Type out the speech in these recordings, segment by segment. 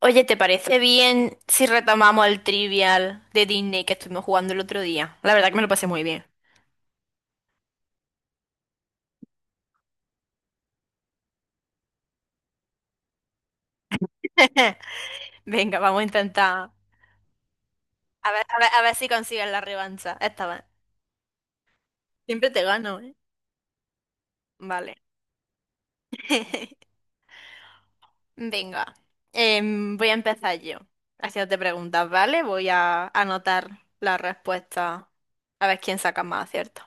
Oye, ¿te parece bien si retomamos el trivial de Disney que estuvimos jugando el otro día? La verdad que me lo pasé muy bien. Venga, vamos a intentar. A ver, a ver, a ver si consigues la revancha. Esta vez. Siempre te gano, ¿eh? Vale. Venga. Voy a empezar yo. Haciéndote preguntas, ¿vale? Voy a anotar la respuesta. A ver quién saca más acierto.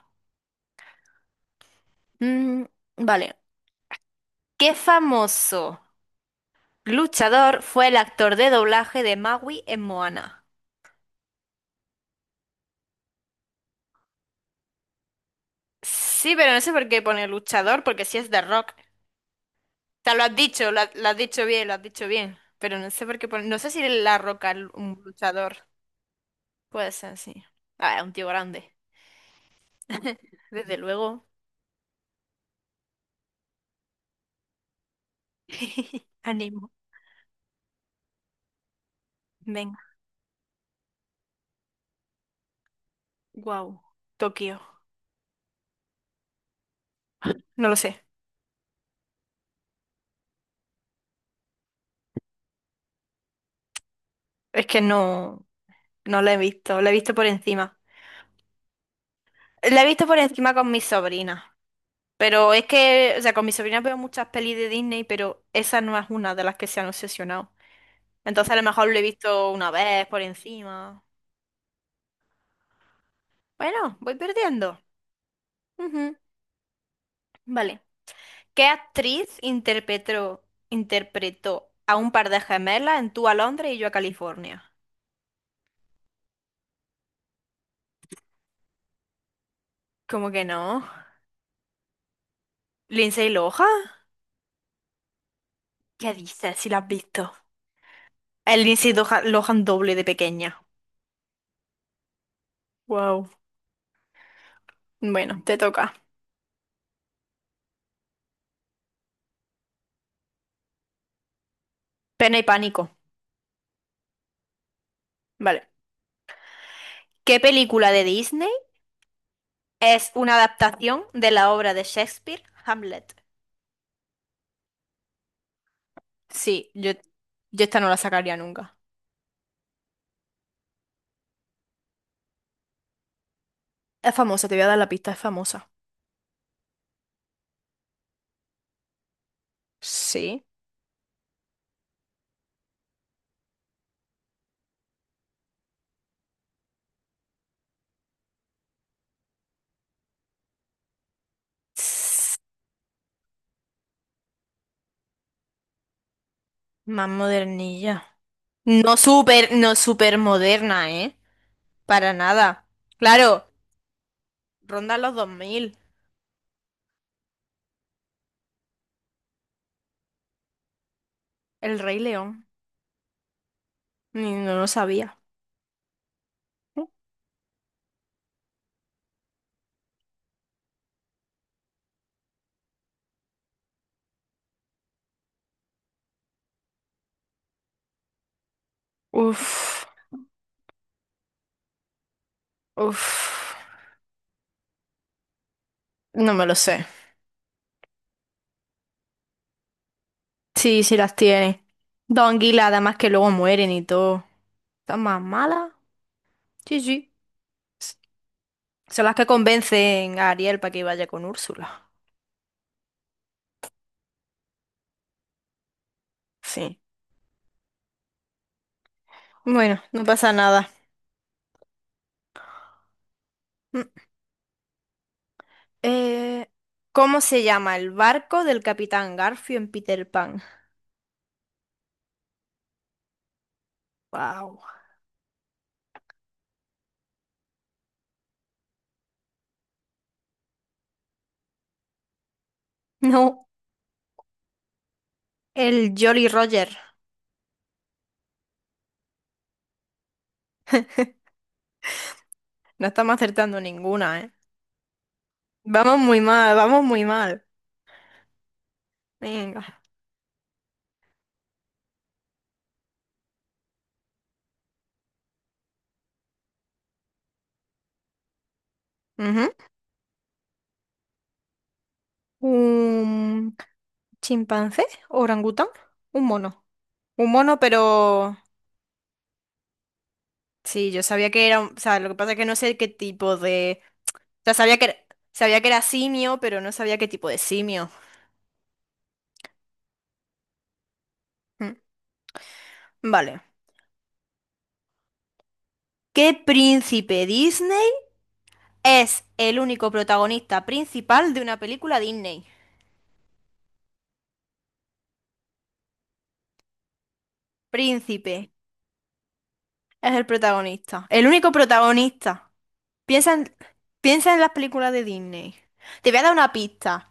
Mm, vale. ¿Qué famoso luchador fue el actor de doblaje de Maui en Moana? Sí, pero no sé por qué pone luchador, porque sí es de Rock. O sea, lo has dicho, lo has dicho bien, lo has dicho bien. Pero no sé por qué pone... No sé si La Roca es un luchador. Puede ser, sí. Ah, es un tío grande. Desde luego. Ánimo. Venga. Wow. Tokio. No lo sé. Es que no, no lo he visto. Lo he visto por encima. Lo he visto por encima con mi sobrina. Pero es que, o sea, con mi sobrina veo muchas pelis de Disney, pero esa no es una de las que se han obsesionado. Entonces a lo mejor lo he visto una vez por encima. Bueno, voy perdiendo. Ujú, vale. ¿Qué actriz interpretó, interpretó a un par de gemelas en Tú a Londres y yo a California? ¿Cómo que no? ¿Lindsay Lohan? ¿Qué dices si la has visto? El Lindsay Lohan doble de pequeña. Wow. Bueno, te toca. Pena y pánico. Vale. ¿Qué película de Disney es una adaptación de la obra de Shakespeare, Hamlet? Sí, yo esta no la sacaría nunca. Es famosa, te voy a dar la pista, es famosa. Sí. Tss, más modernilla. No súper moderna, ¿eh? Para nada. Claro, ronda los 2000. El Rey León. Ni- No lo sabía. Uf, uf. No me lo sé. Sí, sí las tiene. Dos anguilas, además que luego mueren y todo. ¿Están más malas? Sí, sí. S- Son las que convencen a Ariel para que vaya con Úrsula. Sí. Bueno, no pasa nada. Eh, ¿Cómo se llama el barco del Capitán Garfio en Peter Pan? Wow. No, el Jolly Roger. No estamos acertando ninguna, ¿eh? Vamos muy mal, vamos muy mal. Venga. Ujú. ¿Un chimpancé? ¿Orangután? ¿Un mono? Un mono, pero... Sí, yo sabía que era... O sea, lo que pasa es que no sé qué tipo de... O sea, sabía que era simio, pero no sabía qué tipo de simio. Mm. Vale. ¿Qué príncipe Disney? Es el único protagonista principal de una película Disney. Príncipe es el protagonista. El único protagonista. Piensa en, piensa en las películas de Disney. Te voy a dar una pista.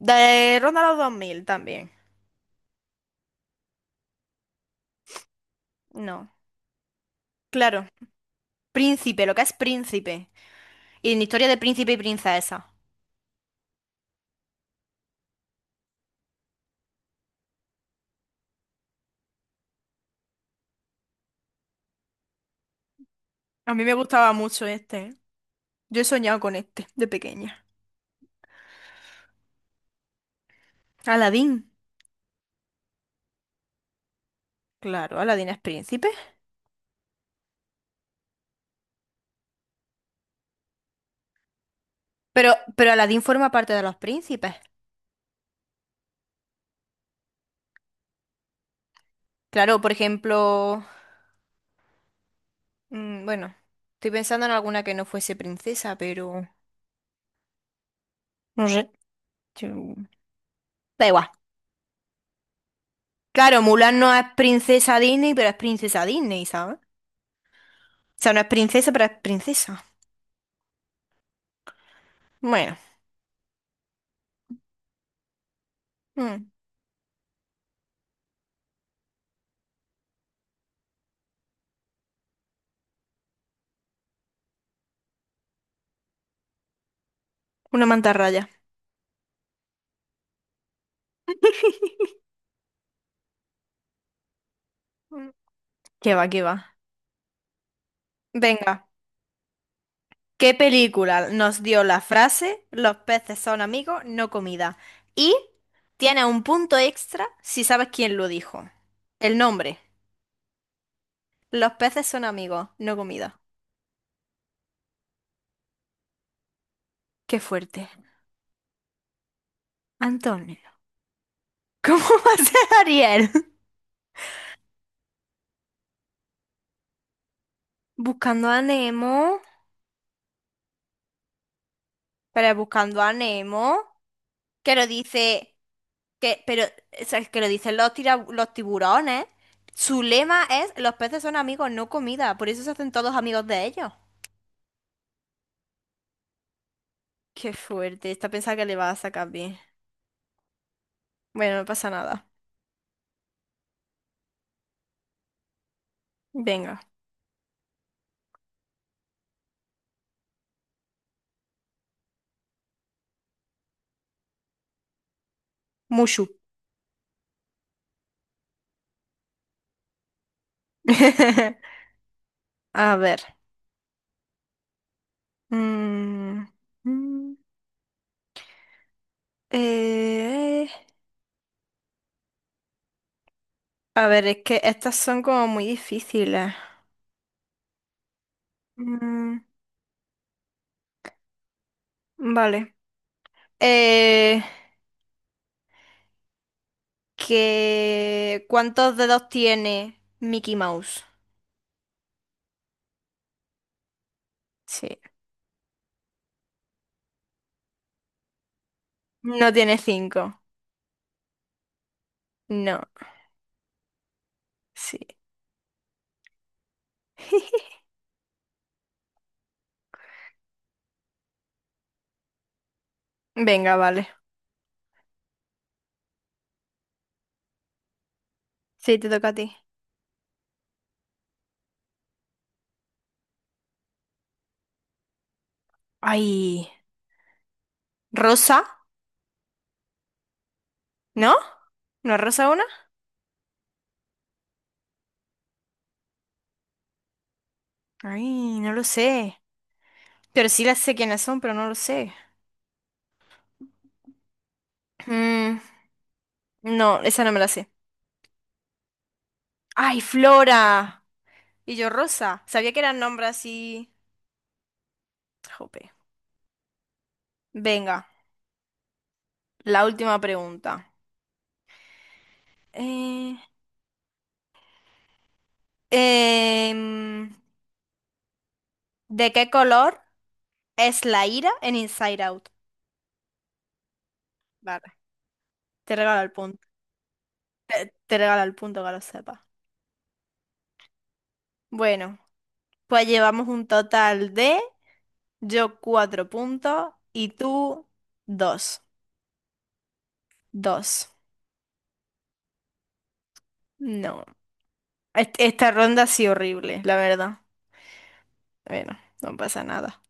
De Ronda a los 2000 también. No. Claro. Príncipe, lo que es príncipe. Y en historia de príncipe y princesa. A mí me gustaba mucho este, ¿eh? Yo he soñado con este de pequeña. Aladín. Claro, Aladín es príncipe. Pero Aladín forma parte de los príncipes. Claro, por ejemplo, mm, bueno, estoy pensando en alguna que no fuese princesa, pero no sé. yo- Da igual. Claro, Mulan no es princesa Disney, pero es princesa Disney, ¿sabes? O sea, no es princesa, pero es princesa. Bueno, mm, una mantarraya. Mm, ¿Qué va, qué va? Venga, ¿qué película nos dio la frase Los peces son amigos, no comida? Y tiene un punto extra si sabes quién lo dijo. El nombre. Los peces son amigos, no comida. Qué fuerte. Antonio. ¿Cómo va a ser Ariel? Buscando a Nemo, pero buscando a Nemo, que lo dice, que, pero, o sea, que lo dicen los, los tiburones. Su lema es, los peces son amigos, no comida, por eso se hacen todos amigos de ellos. Qué fuerte, esta pensada que le va a sacar bien. Bueno, no pasa nada. Venga, Mushu. A ver. Mm, mm, eh, a ver, es que estas son como muy difíciles. Mm, vale. Eh, ¿Cuántos dedos tiene Mickey Mouse? Sí. No tiene cinco. No. Sí. Venga, vale. Sí, te toca a ti. Ay, Rosa, ¿no? ¿No es Rosa una? Ay, no lo sé. Pero sí las sé quiénes son, pero no lo sé. Mm, no, esa no me la sé. Ay, Flora. Y yo Rosa. Sabía que eran nombres así. Jope. Venga, la última pregunta. Eh, Em, ¿De qué color es la ira en Inside Out? Vale, te regalo el punto. Te regalo el punto que lo sepas. Bueno, pues llevamos un total de yo cuatro puntos y tú dos. Dos. No. Est- esta ronda ha sido horrible, la verdad. Bueno, no pasa nada.